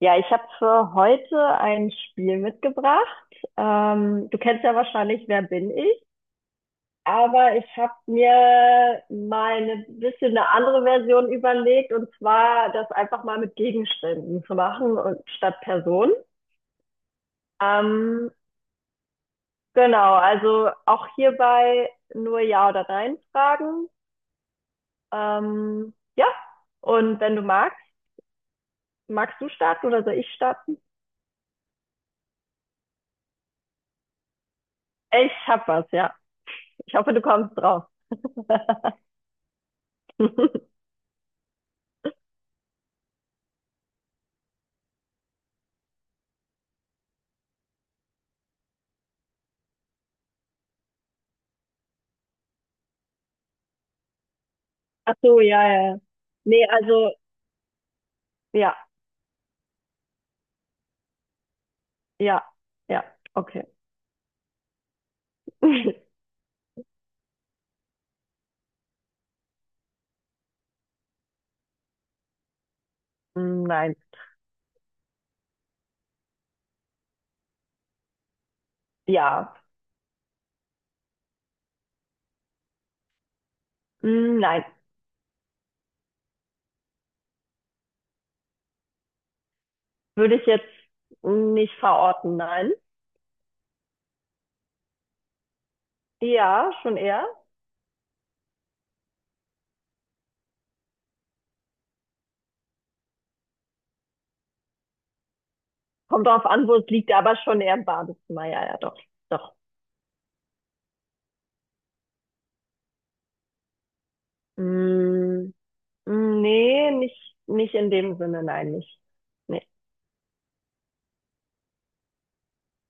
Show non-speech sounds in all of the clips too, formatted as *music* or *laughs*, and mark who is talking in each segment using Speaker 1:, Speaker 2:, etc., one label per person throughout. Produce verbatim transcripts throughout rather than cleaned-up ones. Speaker 1: Ja, ich habe für heute ein Spiel mitgebracht. Ähm, du kennst ja wahrscheinlich Wer bin ich? Aber ich habe mir mal eine bisschen eine andere Version überlegt und zwar das einfach mal mit Gegenständen zu machen und statt Personen. Ähm, genau, also auch hierbei nur Ja oder Nein fragen. Ähm, ja, und wenn du magst, magst du starten oder soll ich starten? Ich hab was, ja. Ich hoffe, du kommst drauf. *laughs* Ach so, ja, ja. ja. Nee, also, ja, ja, ja, okay. *laughs* Mm, Nein, ja, Mm, nein. Würde ich jetzt nicht verorten, nein. Ja, schon eher. Kommt drauf an, wo es liegt, aber schon eher im Badezimmer, ja, ja, doch, doch. Mm, Nee, nicht, nicht in dem Sinne, nein, nicht. Nee,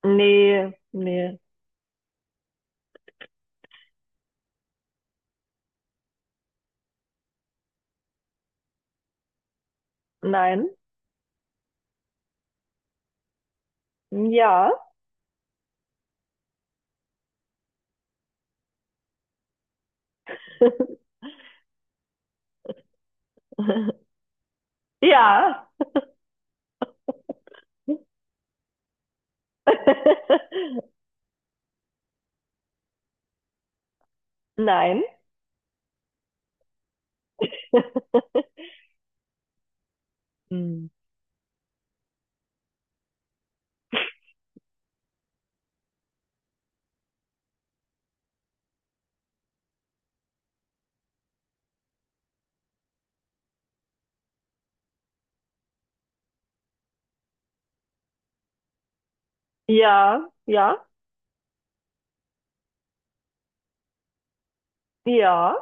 Speaker 1: nee, nee, nein. Ja, *laughs* ja, *laughs* nein. *laughs* Mm. Ja, ja, ja,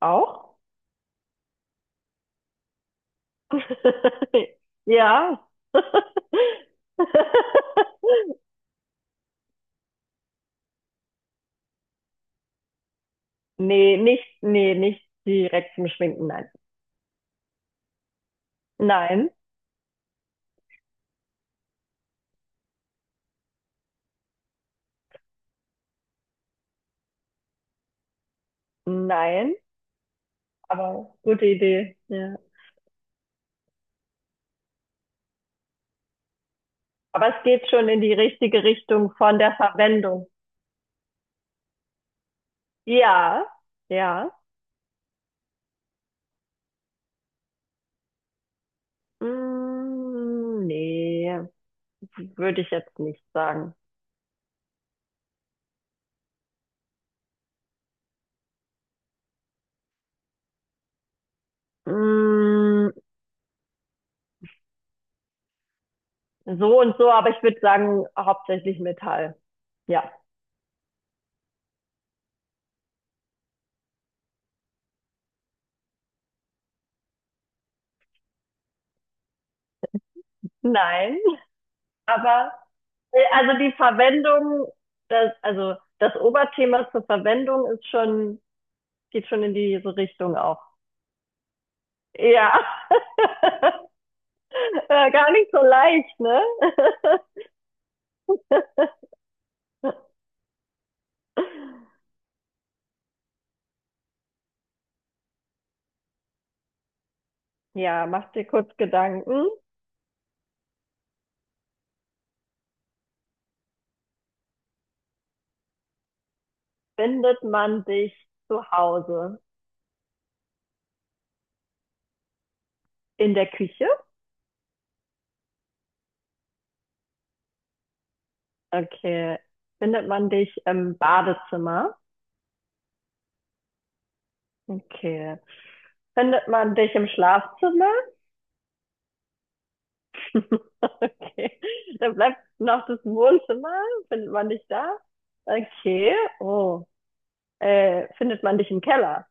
Speaker 1: auch. *laughs* Ja. Nee, nicht, nee, nicht direkt zum Schminken, nein. Nein, nein, aber gute Idee, ja. Aber es geht schon in die richtige Richtung von der Verwendung. Ja, ja. Mm, nee, würde ich jetzt nicht sagen. Mm, so und so, aber ich würde sagen, hauptsächlich Metall. Ja. Nein, *laughs* aber Äh, Also die Verwendung, das, also das Oberthema zur Verwendung ist schon, geht schon in diese Richtung auch. Ja, *laughs* Äh, gar nicht so leicht, ne? Ja, mach dir kurz Gedanken. Findet man dich zu Hause in der Küche? Okay. Findet man dich im Badezimmer? Okay. Findet man dich im Schlafzimmer? *laughs* Okay. Dann bleibt noch das Wohnzimmer. Findet man dich da? Okay. Oh. Äh, findet man dich im Keller.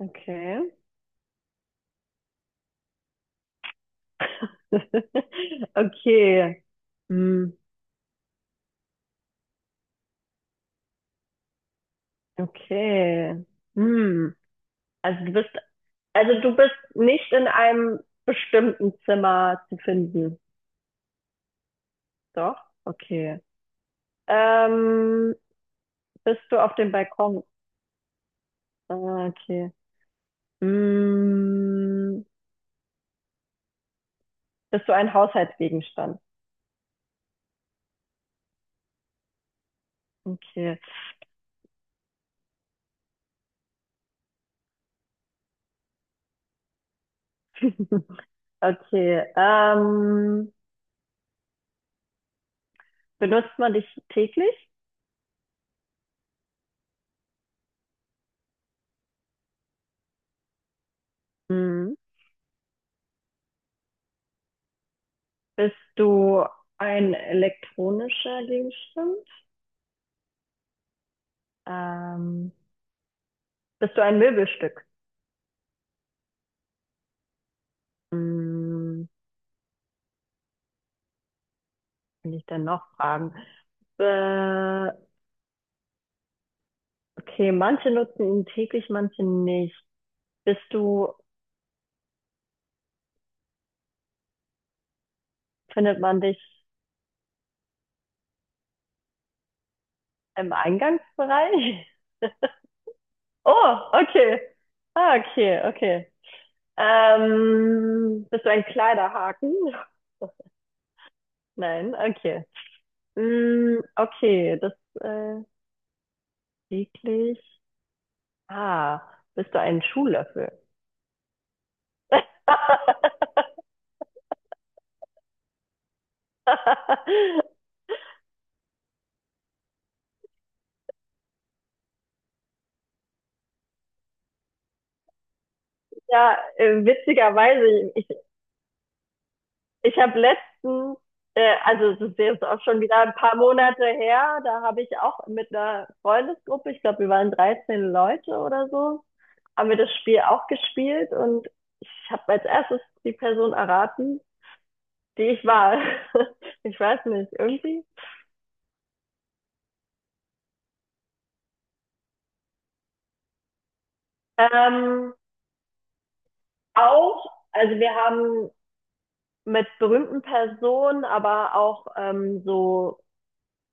Speaker 1: Okay. *laughs* Okay. Hm. Okay. Hm. Also du bist, also du bist nicht in einem bestimmten Zimmer zu finden. Doch? Okay. Ähm, Bist du auf dem Balkon? Ah, okay. Hm. Bist du ein Haushaltsgegenstand? Okay. *laughs* Okay. Ähm, benutzt man dich täglich? Hm. Bist du ein elektronischer Gegenstand? Ähm, Bist du ein Möbelstück? Hm, kann ich dann noch fragen? Äh, okay, manche nutzen ihn täglich, manche nicht. Bist du, Findet man dich im Eingangsbereich? *laughs* Oh, okay. Ah, okay, okay. Ähm, bist du ein Kleiderhaken? *laughs* Nein, okay. Hm, okay, das äh, täglich. Ah, bist du ein Schuhlöffel? *laughs* Ja, äh, witzigerweise, ich, ich habe letztens, äh, also das ist jetzt auch schon wieder ein paar Monate her, da habe ich auch mit einer Freundesgruppe, ich glaube, wir waren dreizehn Leute oder so, haben wir das Spiel auch gespielt und ich habe als erstes die Person erraten, die ich war. *laughs* Ich weiß nicht, irgendwie. Ähm, Auch, also wir haben mit berühmten Personen, aber auch ähm, so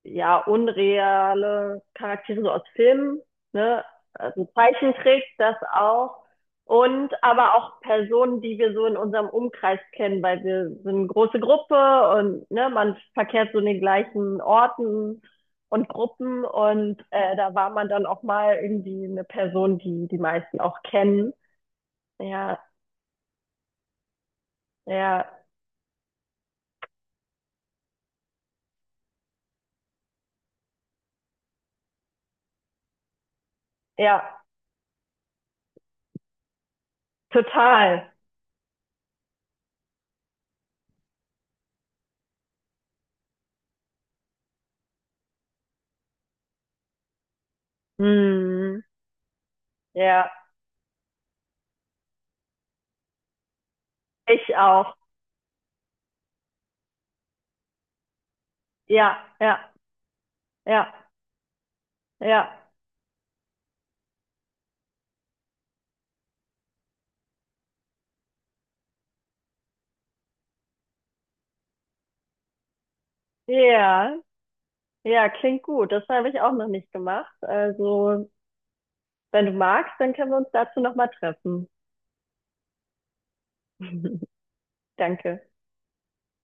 Speaker 1: ja unreale Charaktere so aus Filmen, ne? Also Zeichentrick, das auch. Und aber auch Personen, die wir so in unserem Umkreis kennen, weil wir sind eine große Gruppe und ne, man verkehrt so in den gleichen Orten und Gruppen und äh, da war man dann auch mal irgendwie eine Person, die die meisten auch kennen. Ja, ja, ja, total. Hm, ja. Ich auch. Ja, ja, ja, ja. Ja, ja, klingt gut. Das habe ich auch noch nicht gemacht. Also, wenn du magst, dann können wir uns dazu nochmal treffen. *laughs* Danke.